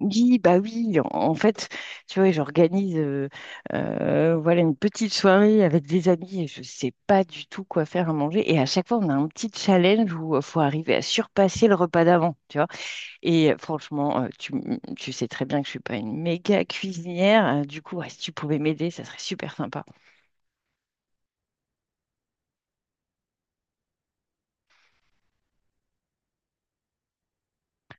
Oui, bah oui, en fait, tu vois, j'organise, voilà une petite soirée avec des amis et je sais pas du tout quoi faire à manger. Et à chaque fois, on a un petit challenge où il faut arriver à surpasser le repas d'avant, tu vois. Et, franchement, tu sais très bien que je suis pas une méga cuisinière. Du coup, ouais, si tu pouvais m'aider, ça serait super sympa.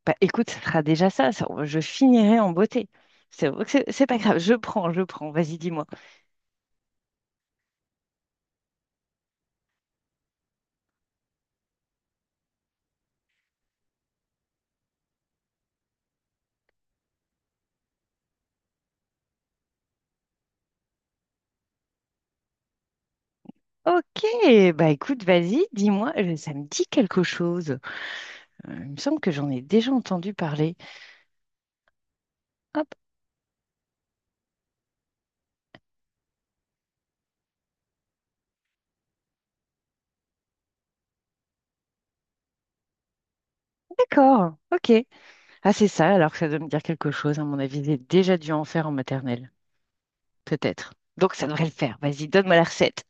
Bah écoute, ça sera déjà ça, je finirai en beauté. C'est vrai que c'est pas grave, vas-y, dis-moi. Ok, bah écoute, vas-y, dis-moi, ça me dit quelque chose. Il me semble que j'en ai déjà entendu parler. Hop, d'accord, ok. Ah, c'est ça, alors que ça doit me dire quelque chose. À mon avis, j'ai déjà dû en faire en maternelle, peut-être. Donc, ça devrait le faire. Vas-y, donne-moi la recette.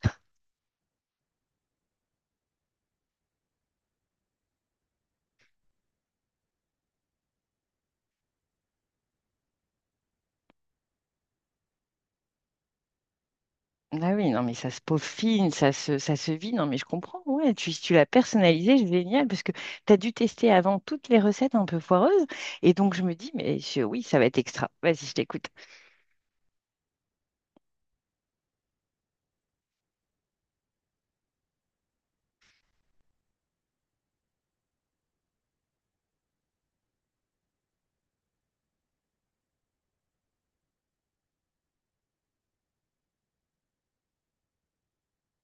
Ah oui, non, mais ça se peaufine, ça se vit. Non, mais je comprends. Ouais, si tu l'as personnalisé, c'est génial, parce que tu as dû tester avant toutes les recettes un peu foireuses. Et donc, je me dis, mais oui, ça va être extra. Vas-y, je t'écoute.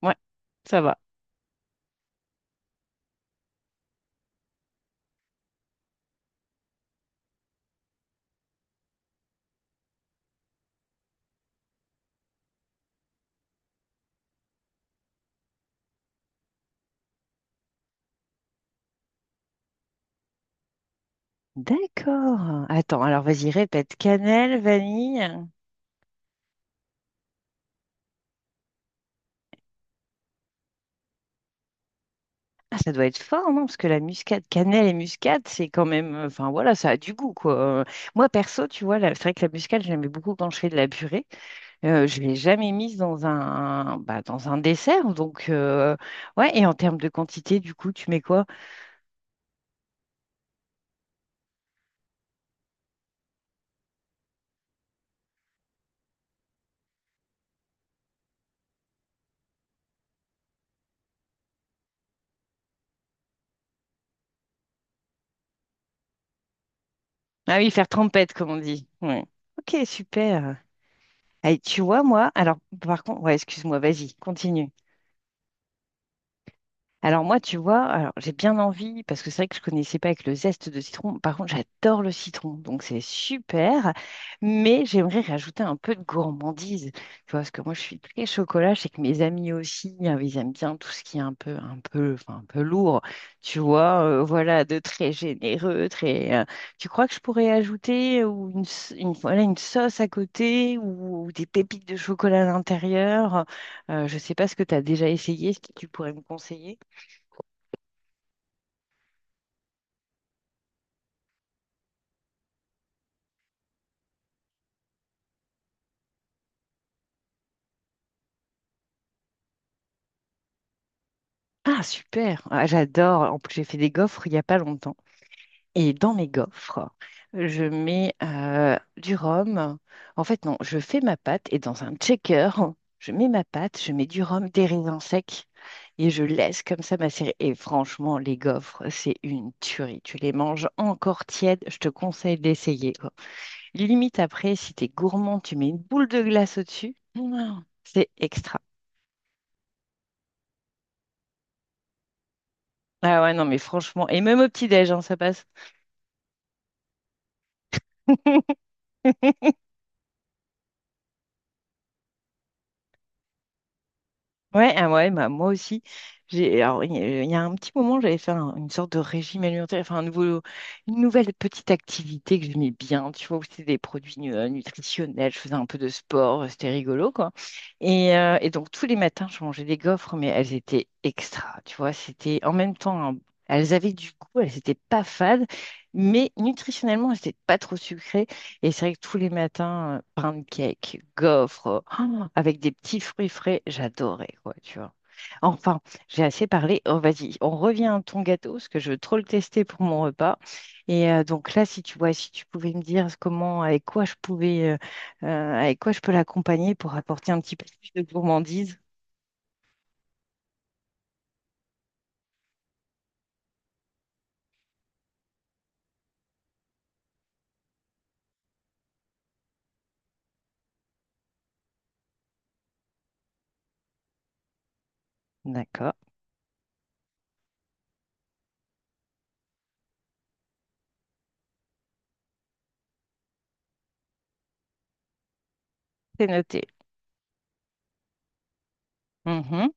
Ouais, ça va. D'accord. Attends, alors vas-y, répète. Cannelle, vanille. Ah, ça doit être fort, non? Parce que la muscade, cannelle et muscade, c'est quand même, enfin, voilà, ça a du goût, quoi. Euh, Moi, perso, tu vois, c'est vrai que la muscade, j'aimais beaucoup quand je fais de la purée. Je ne l'ai jamais mise dans un, bah, dans un dessert. Donc, ouais, et en termes de quantité, du coup, tu mets quoi? Ah oui, faire trempette, comme on dit. Ouais. Ok, super. Allez, tu vois, moi, alors, par contre, ouais, excuse-moi, vas-y, continue. Alors moi, tu vois, alors j'ai bien envie, parce que c'est vrai que je connaissais pas avec le zeste de citron. Par contre, j'adore le citron, donc c'est super. Mais j'aimerais rajouter un peu de gourmandise. Tu vois, parce que moi, je suis très chocolat. Je sais que mes amis aussi, ils aiment bien tout ce qui est enfin, un peu lourd. Tu vois, voilà, de très généreux, très. Tu crois que je pourrais ajouter, une, voilà, une sauce à côté, ou des pépites de chocolat à l'intérieur? Je sais pas ce que tu as déjà essayé, ce que tu pourrais me conseiller. Ah, super! Ah, j'adore. En plus, j'ai fait des gaufres il n'y a pas longtemps. Et dans mes gaufres, je mets, du rhum. En fait, non, je fais ma pâte et dans un checker, je mets ma pâte, je mets du rhum, des raisins secs, et je laisse comme ça macérer. Et franchement, les gaufres, c'est une tuerie. Tu les manges encore tièdes, je te conseille d'essayer, quoi. Limite après, si t'es gourmand, tu mets une boule de glace au-dessus. Mouah, c'est extra. Ah ouais, non, mais franchement, et même au petit-déj, hein, ça passe. Ouais, ah ouais, bah, moi aussi. J'ai, alors, il y a un petit moment, j'avais fait une sorte de régime alimentaire, enfin, un nouveau, une nouvelle petite activité que j'aimais bien, tu vois, où c'était des produits nutritionnels, je faisais un peu de sport, c'était rigolo, quoi. Et donc, tous les matins, je mangeais des gaufres, mais elles étaient extra, tu vois, c'était en même temps, elles avaient du goût, elles n'étaient pas fades, mais nutritionnellement, elles n'étaient pas trop sucrées. Et c'est vrai que tous les matins, pancakes, gaufres, avec des petits fruits frais, j'adorais, quoi, tu vois. Enfin, j'ai assez parlé. Oh, vas-y, on revient à ton gâteau, parce que je veux trop le tester pour mon repas. Et donc là, si tu vois, si tu pouvais me dire comment, avec quoi je pouvais, avec quoi je peux l'accompagner pour apporter un petit peu plus de gourmandise. D'accord, c'est noté. Mhm,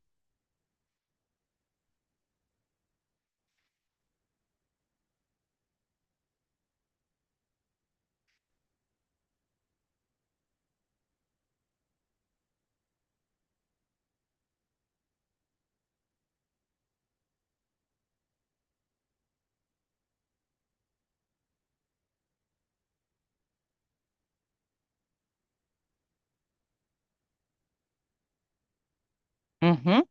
mhm,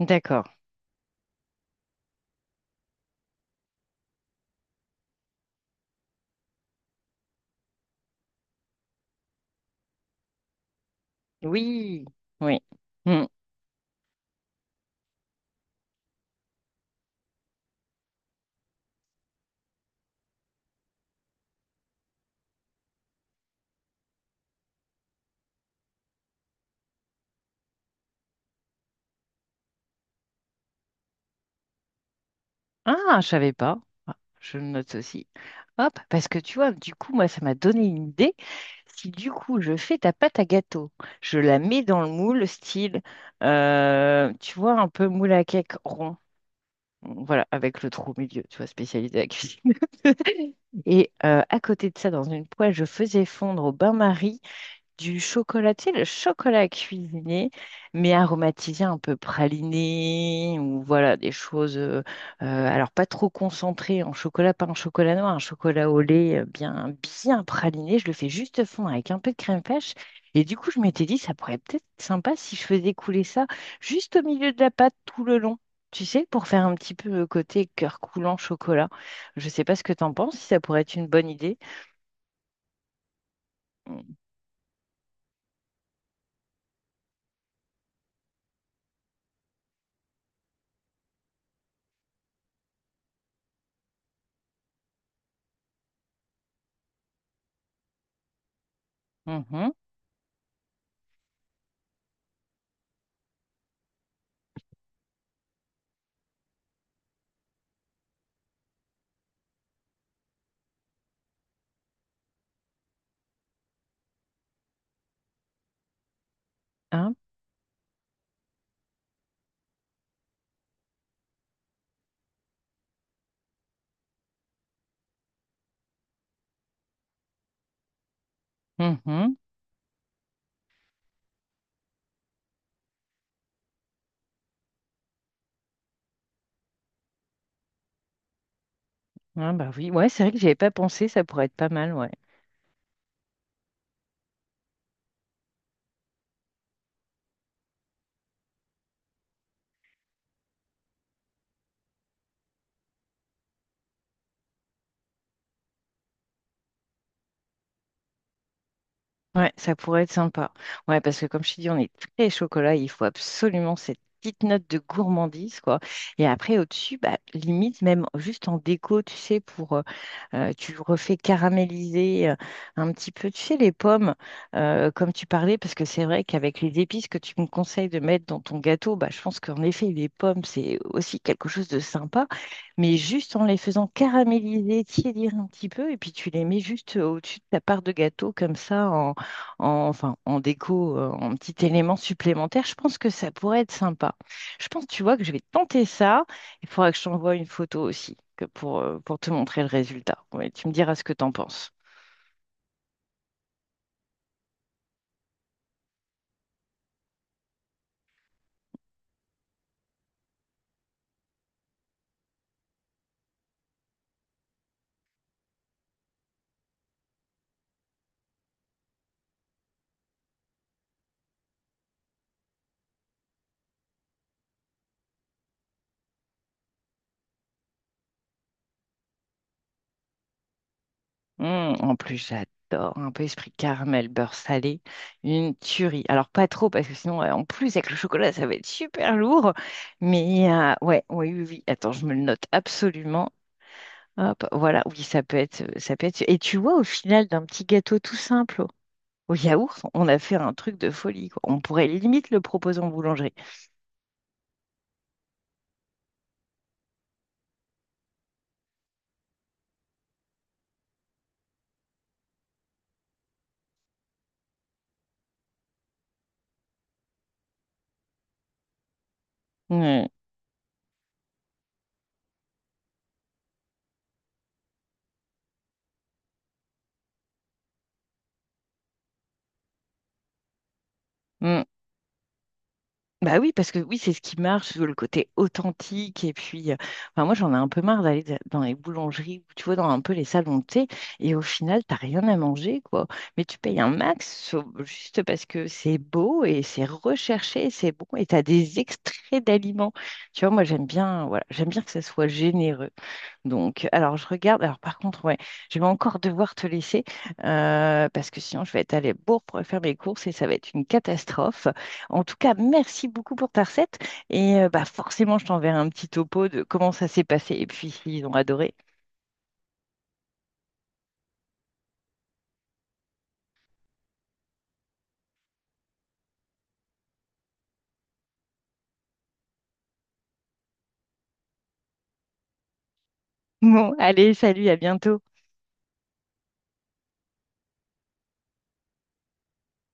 d'accord. Oui, oui. Mmh. Ah, je savais pas. Ah, je le note aussi. Hop, parce que tu vois, du coup, moi, ça m'a donné une idée. Si du coup, je fais ta pâte à gâteau, je la mets dans le moule, style, tu vois, un peu moule à cake rond, voilà, avec le trou au milieu, tu vois, spécialisé à la cuisine. Et à côté de ça, dans une poêle, je faisais fondre au bain-marie du chocolat, tu sais, le chocolat cuisiné, mais aromatisé un peu praliné, ou voilà, des choses, alors pas trop concentrées en chocolat, pas un chocolat noir, un chocolat au lait, bien, bien praliné. Je le fais juste fondre avec un peu de crème fraîche. Et du coup, je m'étais dit, ça pourrait peut-être être sympa si je faisais couler ça juste au milieu de la pâte tout le long, tu sais, pour faire un petit peu le côté cœur coulant chocolat. Je sais pas ce que t'en penses, si ça pourrait être une bonne idée. Mhm. Hein. Mhm. Ah bah oui, ouais, c'est vrai que j'y avais pas pensé, ça pourrait être pas mal, ouais. Ouais, ça pourrait être sympa. Ouais, parce que comme je te dis, on est très chocolat, il faut absolument cette petite note de gourmandise, quoi. Et après, au-dessus, bah, limite, même juste en déco, tu sais, pour, tu refais caraméliser, un petit peu, tu sais, les pommes, comme tu parlais, parce que c'est vrai qu'avec les épices que tu me conseilles de mettre dans ton gâteau, bah, je pense qu'en effet, les pommes, c'est aussi quelque chose de sympa, mais juste en les faisant caraméliser, tiédir un petit peu, et puis tu les mets juste, au-dessus de ta part de gâteau, comme ça, enfin, en déco, en petit élément supplémentaire, je pense que ça pourrait être sympa. Je pense, tu vois, que je vais tenter ça. Il faudra que je t'envoie une photo aussi que pour te montrer le résultat. Ouais, tu me diras ce que t'en penses. En plus, j'adore un peu esprit caramel, beurre salé, une tuerie. Alors, pas trop, parce que sinon, en plus, avec le chocolat, ça va être super lourd. Mais ouais, oui, oui, oui. Attends, je me le note absolument. Hop, voilà, oui, ça peut être. Et tu vois, au final, d'un petit gâteau tout simple. Au yaourt, on a fait un truc de folie, quoi. On pourrait limite le proposer en boulangerie. Mm, mm. Bah oui, parce que oui, c'est ce qui marche, le côté authentique. Et puis, enfin, moi, j'en ai un peu marre d'aller dans les boulangeries, ou tu vois, dans un peu les salons de thé, et au final, t'as rien à manger, quoi. Mais tu payes un max, juste parce que c'est beau et c'est recherché, c'est bon, et t'as des extraits d'aliments. Tu vois, moi, j'aime bien, voilà, j'aime bien que ça soit généreux. Donc, alors je regarde. Alors par contre, ouais, je vais encore devoir te laisser, parce que sinon je vais être à la bourre pour faire mes courses et ça va être une catastrophe. En tout cas, merci beaucoup pour ta recette et, bah forcément je t'enverrai un petit topo de comment ça s'est passé et puis s'ils ont adoré. Bon, allez, salut, à bientôt.